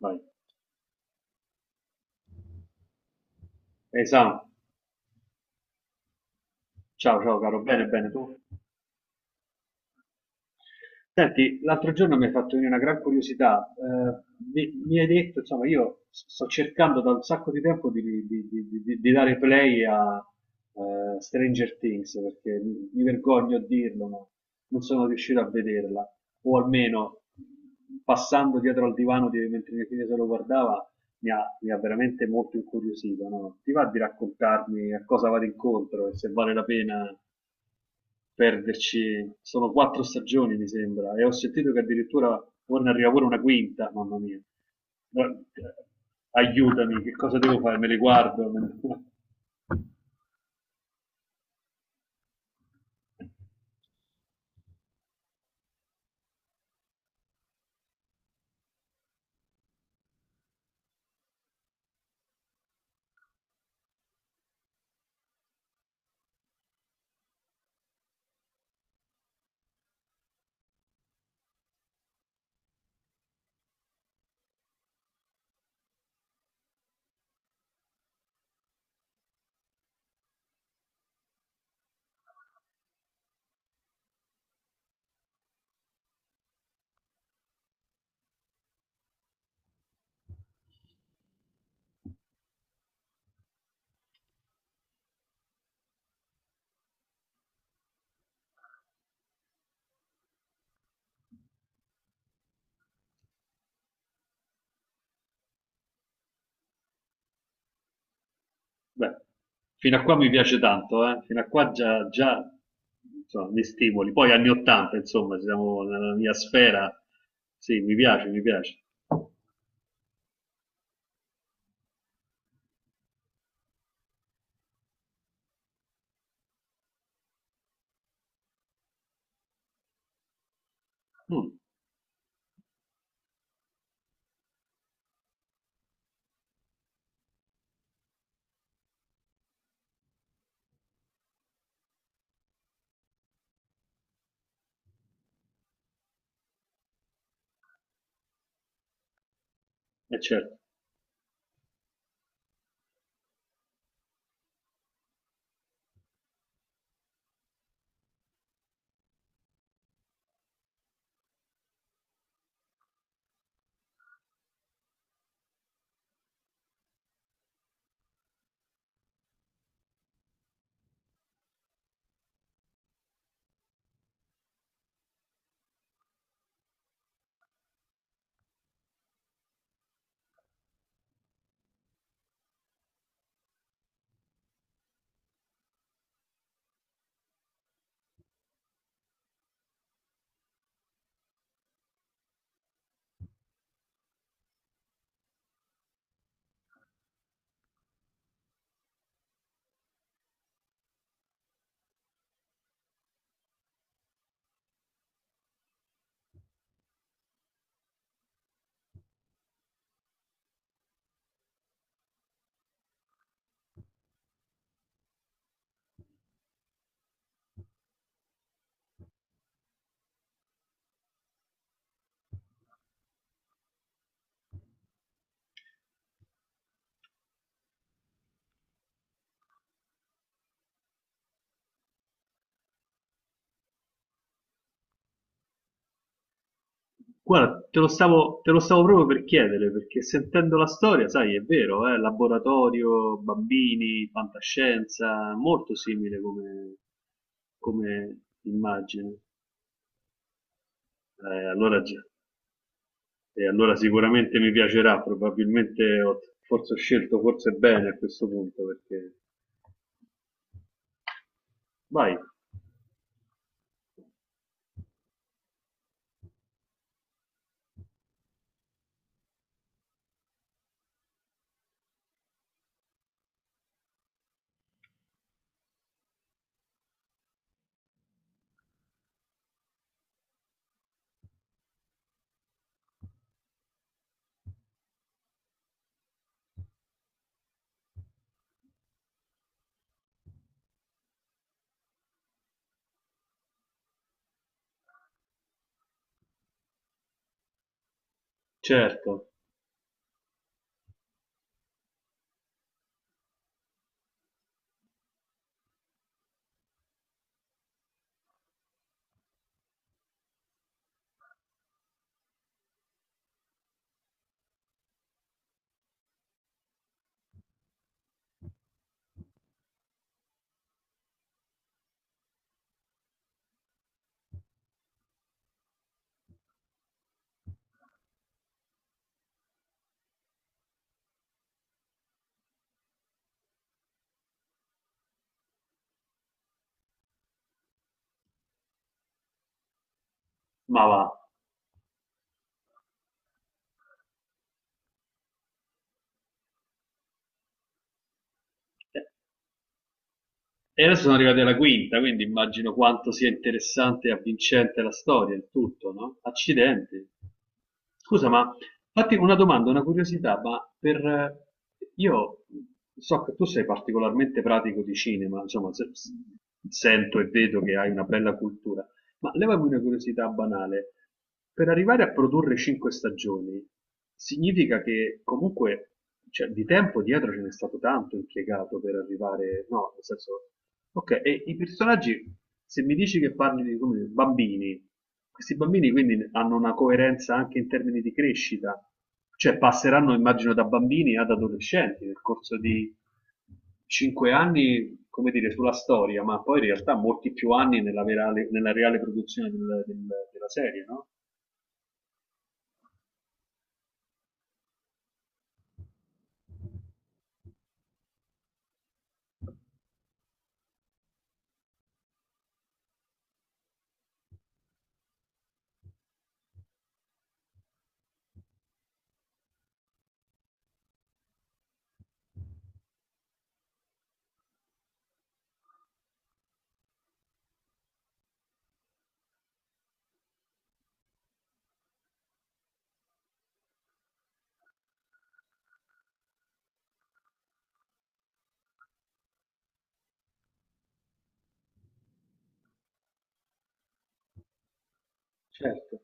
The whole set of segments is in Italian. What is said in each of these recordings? Vai. Esatto. Ciao, ciao caro, bene, bene tu. Senti, l'altro giorno mi hai fatto venire una gran curiosità. Mi hai detto, insomma, io sto cercando da un sacco di tempo di, di dare play a Stranger Things, perché mi vergogno a dirlo, ma non sono riuscito a vederla. O almeno passando dietro al divano di, mentre mia figlia se lo guardava, mi ha veramente molto incuriosito, no? Ti va di raccontarmi a cosa vado incontro e se vale la pena perderci? Sono quattro stagioni mi sembra, e ho sentito che addirittura ora ne arriva pure una quinta, mamma mia. Ma- eh, Aiutami, che cosa devo fare? Me le guardo? Beh, fino a qua mi piace tanto, eh? Fino a qua già, già insomma, mi stimoli. Poi anni 80, insomma, siamo nella mia sfera. Sì, mi piace, mi piace. Mm, è certo. Guarda, te lo stavo proprio per chiedere, perché sentendo la storia, sai, è vero, laboratorio, bambini, fantascienza, molto simile come, come immagine. Allora già, e allora sicuramente mi piacerà, probabilmente ho, forse ho scelto forse bene a questo punto, perché vai, certo, ma va. Eh, E adesso sono arrivati alla quinta, quindi immagino quanto sia interessante e avvincente la storia, il tutto, no? Accidenti. Scusa, ma fatti una domanda, una curiosità, ma io so che tu sei particolarmente pratico di cinema, insomma, sento e vedo che hai una bella cultura, ma levami una curiosità banale. Per arrivare a produrre cinque stagioni, significa che comunque, cioè, di tempo dietro ce n'è stato tanto impiegato per arrivare, no, nel senso, okay, e i personaggi, se mi dici che parli di, come dire, bambini, questi bambini quindi ne hanno una coerenza anche in termini di crescita, cioè passeranno immagino da bambini ad adolescenti nel corso di 5 anni, come dire, sulla storia, ma poi in realtà molti più anni nella, nella reale produzione della serie, no? Certo.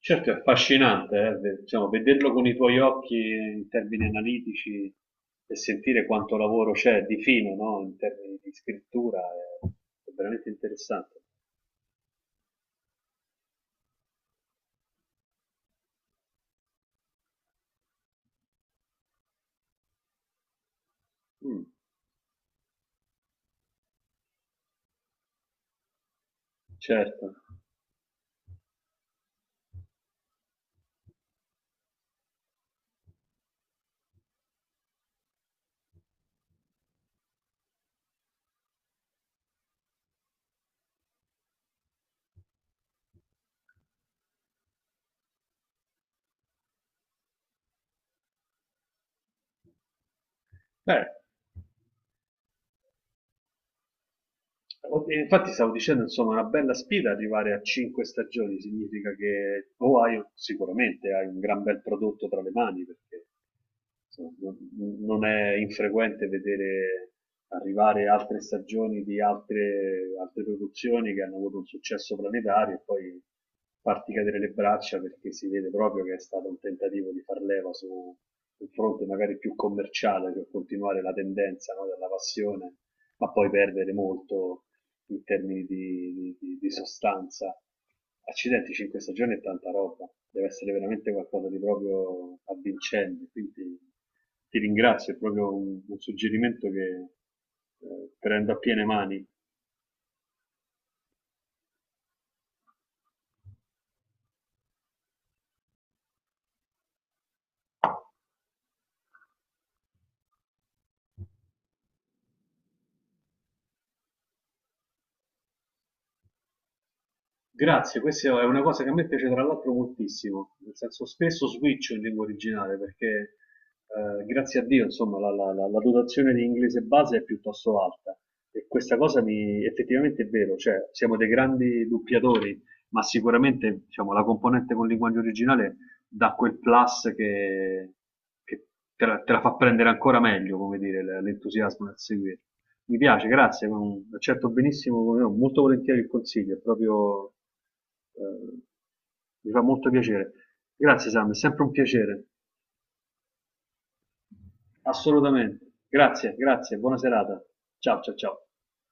Certo, è affascinante, diciamo, vederlo con i tuoi occhi in termini analitici e sentire quanto lavoro c'è di fino, no? In termini di scrittura è veramente interessante. Mm, certo. Beh, infatti stavo dicendo, insomma, una bella sfida arrivare a cinque stagioni, significa che o hai sicuramente hai un gran bel prodotto tra le mani, perché insomma, non è infrequente vedere arrivare altre stagioni di altre, altre produzioni che hanno avuto un successo planetario e poi farti cadere le braccia perché si vede proprio che è stato un tentativo di far leva su un fronte magari più commerciale per continuare la tendenza, no, della passione, ma poi perdere molto in termini di, di sostanza. Accidenti, 5 stagioni è tanta roba, deve essere veramente qualcosa di proprio avvincente, quindi ti ringrazio, è proprio un suggerimento che prendo a piene mani. Grazie, questa è una cosa che a me piace tra l'altro moltissimo, nel senso spesso switcho in lingua originale perché grazie a Dio insomma la, la dotazione di inglese base è piuttosto alta e questa cosa mi effettivamente è vero, cioè siamo dei grandi doppiatori, ma sicuramente diciamo, la componente con linguaggio originale dà quel plus che te la fa prendere ancora meglio, come dire, l'entusiasmo nel seguire. Mi piace, grazie, ma mm, accetto benissimo, come no, molto volentieri il consiglio, è proprio, eh, mi fa molto piacere. Grazie Sam, è sempre un piacere, assolutamente. Grazie, grazie, buona serata. Ciao, ciao, ciao.